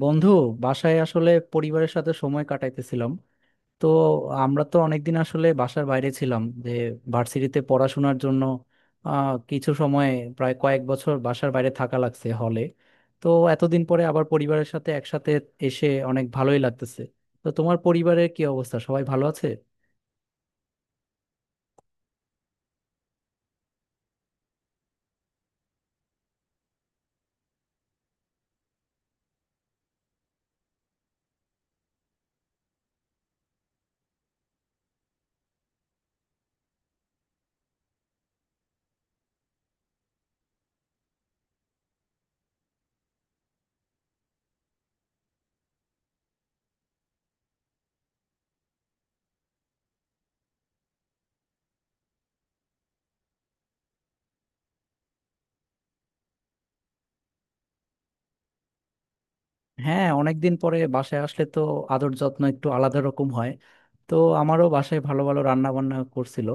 বন্ধু, বাসায় আসলে পরিবারের সাথে সময় কাটাইতেছিলাম। তো আমরা তো অনেকদিন আসলে বাসার বাইরে ছিলাম, যে ভার্সিটিতে পড়াশোনার জন্য কিছু সময়, প্রায় কয়েক বছর বাসার বাইরে থাকা লাগছে হলে। তো এতদিন পরে আবার পরিবারের সাথে একসাথে এসে অনেক ভালোই লাগতেছে। তো তোমার পরিবারের কি অবস্থা, সবাই ভালো আছে? হ্যাঁ, অনেকদিন পরে বাসায় আসলে তো আদর যত্ন একটু আলাদা রকম হয়। তো আমারও বাসায় ভালো ভালো রান্না বান্না করছিল।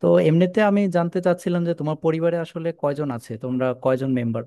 তো এমনিতে আমি জানতে চাচ্ছিলাম যে তোমার পরিবারে আসলে কয়জন আছে, তোমরা কয়জন মেম্বার?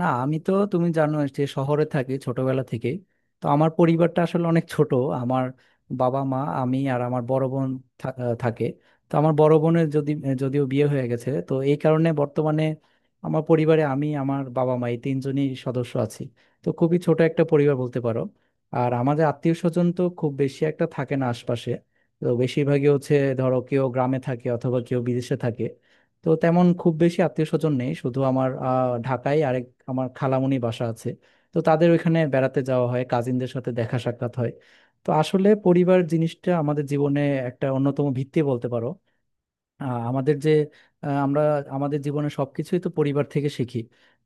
না, আমি তো তুমি জানো যে শহরে থাকি ছোটবেলা থেকে। তো আমার পরিবারটা আসলে অনেক ছোট। আমার বাবা মা, আমি আর আমার বড় বোন থাকে। তো আমার বড় বোনের যদিও বিয়ে হয়ে গেছে, তো এই কারণে বর্তমানে আমার পরিবারে আমি, আমার বাবা মা, এই তিনজনই সদস্য আছি। তো খুবই ছোট একটা পরিবার বলতে পারো। আর আমাদের আত্মীয় স্বজন তো খুব বেশি একটা থাকে না আশপাশে। তো বেশিরভাগই হচ্ছে, ধরো কেউ গ্রামে থাকে অথবা কেউ বিদেশে থাকে। তো তেমন খুব বেশি আত্মীয় স্বজন নেই, শুধু আমার ঢাকায় আরেক আমার খালামণি বাসা আছে। তো তাদের ওইখানে বেড়াতে যাওয়া হয়, কাজিনদের সাথে দেখা সাক্ষাৎ হয়। তো আসলে পরিবার জিনিসটা আমাদের জীবনে একটা অন্যতম ভিত্তি বলতে পারো। আহ আমাদের যে আহ আমরা আমাদের জীবনে সবকিছুই তো পরিবার থেকে শিখি।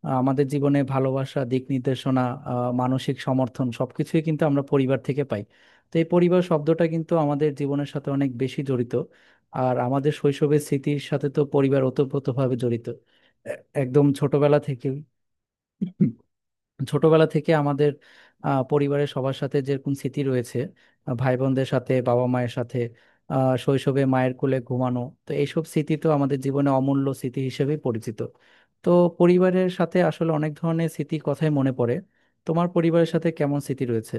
আমাদের জীবনে ভালোবাসা, দিক নির্দেশনা, মানসিক সমর্থন সবকিছুই কিন্তু আমরা পরিবার থেকে পাই। তো এই পরিবার শব্দটা কিন্তু আমাদের জীবনের সাথে অনেক বেশি জড়িত। আর আমাদের শৈশবের স্মৃতির সাথে তো পরিবার ওতপ্রোতভাবে জড়িত। এ- একদম ছোটবেলা থেকেই, ছোটবেলা থেকে আমাদের পরিবারের সবার সাথে যেরকম স্মৃতি রয়েছে, ভাই বোনদের সাথে, বাবা মায়ের সাথে, শৈশবে মায়ের কোলে ঘুমানো, তো এইসব স্মৃতি তো আমাদের জীবনে অমূল্য স্মৃতি হিসেবে পরিচিত। তো পরিবারের সাথে আসলে অনেক ধরনের স্মৃতির কথাই মনে পড়ে। তোমার পরিবারের সাথে কেমন স্মৃতি রয়েছে?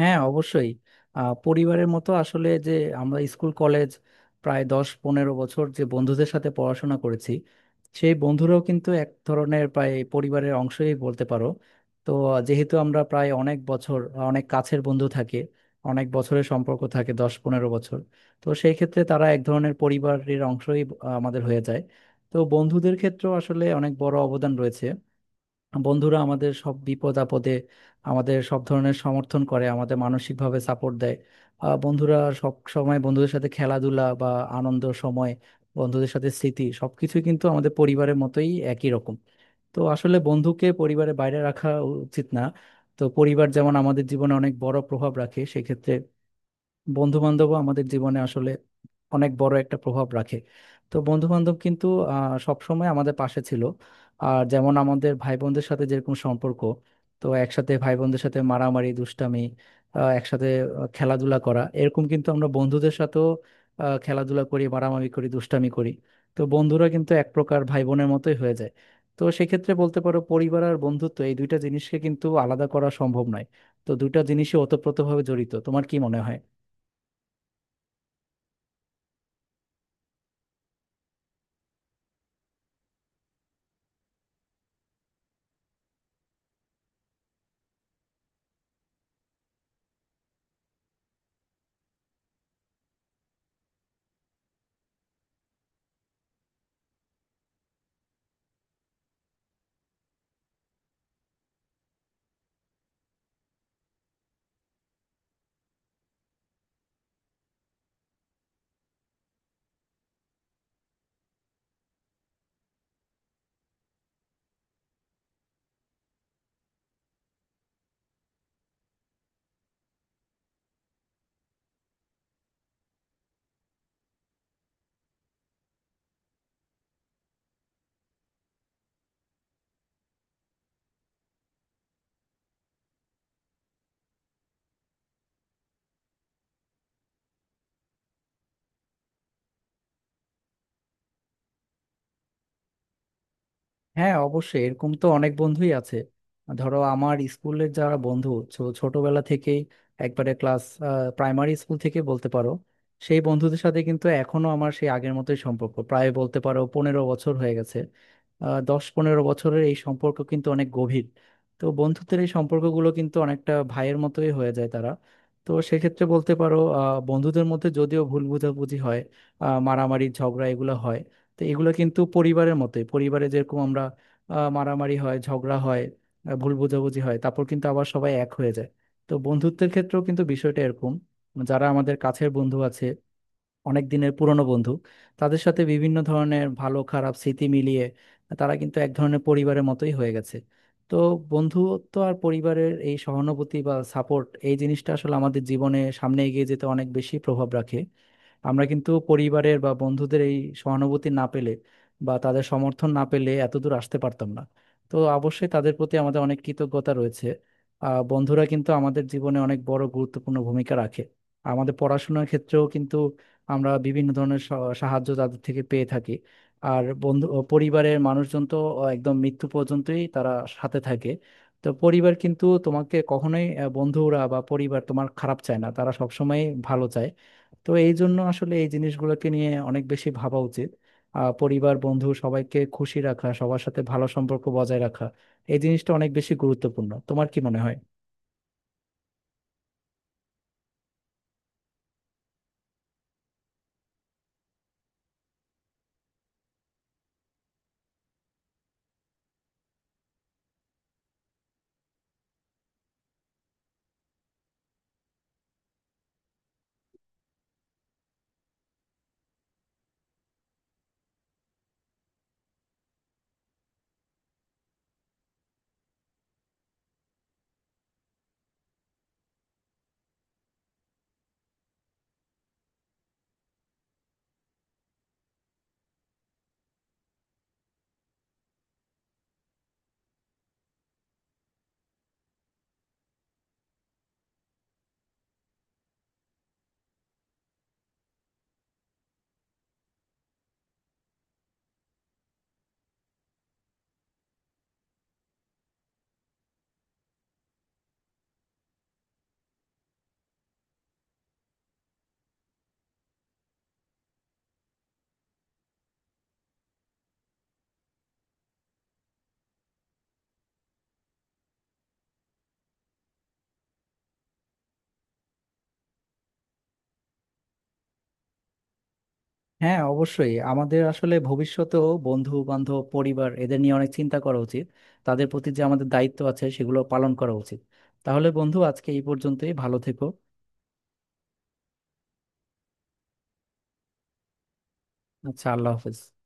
হ্যাঁ, অবশ্যই। পরিবারের মতো আসলে যে আমরা স্কুল কলেজ প্রায় 10-15 বছর যে বন্ধুদের সাথে পড়াশোনা করেছি, সেই বন্ধুরাও কিন্তু এক ধরনের প্রায় পরিবারের অংশই বলতে পারো। তো যেহেতু আমরা প্রায় অনেক বছর, অনেক কাছের বন্ধু থাকে, অনেক বছরের সম্পর্ক থাকে 10-15 বছর, তো সেই ক্ষেত্রে তারা এক ধরনের পরিবারের অংশই আমাদের হয়ে যায়। তো বন্ধুদের ক্ষেত্রেও আসলে অনেক বড় অবদান রয়েছে। বন্ধুরা আমাদের সব বিপদ আপদে আমাদের সব ধরনের সমর্থন করে, আমাদের মানসিকভাবে সাপোর্ট দেয়। বন্ধুরা সব সময়, বন্ধুদের সাথে খেলাধুলা বা আনন্দ সময়, বন্ধুদের সাথে স্মৃতি সবকিছুই কিন্তু আমাদের পরিবারের মতোই একই রকম। তো আসলে বন্ধুকে পরিবারের বাইরে রাখা উচিত না। তো পরিবার যেমন আমাদের জীবনে অনেক বড় প্রভাব রাখে, সেক্ষেত্রে বন্ধু বান্ধব আমাদের জীবনে আসলে অনেক বড় একটা প্রভাব রাখে। তো বন্ধু বান্ধব কিন্তু সব সময় আমাদের পাশে ছিল। আর যেমন আমাদের ভাই বোনদের সাথে যেরকম সম্পর্ক, তো একসাথে ভাই বোনদের সাথে মারামারি দুষ্টামি, একসাথে খেলাধুলা করা, এরকম কিন্তু আমরা বন্ধুদের সাথেও খেলাধুলা করি, মারামারি করি, দুষ্টামি করি। তো বন্ধুরা কিন্তু এক প্রকার ভাই বোনের মতোই হয়ে যায়। তো সেক্ষেত্রে বলতে পারো পরিবার আর বন্ধুত্ব এই দুইটা জিনিসকে কিন্তু আলাদা করা সম্ভব নয়। তো দুইটা জিনিসই ওতপ্রোতভাবে জড়িত, তোমার কি মনে হয়? হ্যাঁ, অবশ্যই এরকম তো অনেক বন্ধুই আছে। ধরো আমার স্কুলের যারা বন্ধু, ছোটবেলা থেকেই, একবারে ক্লাস প্রাইমারি স্কুল থেকে বলতে পারো, সেই বন্ধুদের সাথে কিন্তু এখনো আমার সেই আগের মতোই সম্পর্ক, প্রায় বলতে পারো 15 বছর হয়ে গেছে। 10-15 বছরের এই সম্পর্ক কিন্তু অনেক গভীর। তো বন্ধুত্বের এই সম্পর্কগুলো কিন্তু অনেকটা ভাইয়ের মতোই হয়ে যায় তারা। তো সেক্ষেত্রে বলতে পারো বন্ধুদের মধ্যে যদিও ভুল বোঝাবুঝি হয়, মারামারি ঝগড়া এগুলো হয়। তো এগুলো কিন্তু পরিবারের মতোই, পরিবারে যেরকম আমরা মারামারি হয় ঝগড়া হয়, ভুল বোঝাবুঝি হয়, তারপর কিন্তু আবার সবাই এক হয়ে যায়। তো বন্ধুত্বের ক্ষেত্রেও কিন্তু বিষয়টা এরকম, যারা আমাদের কাছের বন্ধু আছে, অনেক দিনের পুরনো বন্ধু, তাদের সাথে বিভিন্ন ধরনের ভালো খারাপ স্মৃতি মিলিয়ে তারা কিন্তু এক ধরনের পরিবারের মতোই হয়ে গেছে। তো বন্ধুত্ব আর পরিবারের এই সহানুভূতি বা সাপোর্ট এই জিনিসটা আসলে আমাদের জীবনে সামনে এগিয়ে যেতে অনেক বেশি প্রভাব রাখে। আমরা কিন্তু পরিবারের বা বন্ধুদের এই সহানুভূতি না পেলে বা তাদের সমর্থন না পেলে এত দূর আসতে পারতাম না। তো অবশ্যই তাদের প্রতি আমাদের অনেক কৃতজ্ঞতা রয়েছে। বন্ধুরা কিন্তু আমাদের জীবনে অনেক বড় গুরুত্বপূর্ণ ভূমিকা রাখে। আমাদের পড়াশোনার ক্ষেত্রেও কিন্তু আমরা বিভিন্ন ধরনের সাহায্য তাদের থেকে পেয়ে থাকি। আর বন্ধু ও পরিবারের মানুষজন তো একদম মৃত্যু পর্যন্তই তারা সাথে থাকে। তো পরিবার কিন্তু তোমাকে কখনোই বন্ধুরা বা পরিবার তোমার খারাপ চায় না, তারা সবসময় ভালো চায়। তো এই জন্য আসলে এই জিনিসগুলোকে নিয়ে অনেক বেশি ভাবা উচিত। পরিবার বন্ধু সবাইকে খুশি রাখা, সবার সাথে ভালো সম্পর্ক বজায় রাখা এই জিনিসটা অনেক বেশি গুরুত্বপূর্ণ, তোমার কি মনে হয়? হ্যাঁ, অবশ্যই আমাদের আসলে ভবিষ্যতেও বন্ধু বান্ধব পরিবার এদের নিয়ে অনেক চিন্তা করা উচিত, তাদের প্রতি যে আমাদের দায়িত্ব আছে সেগুলো পালন করা উচিত। তাহলে বন্ধু, আজকে এই পর্যন্তই, ভালো থেকো। আচ্ছা, আল্লাহ হাফেজ।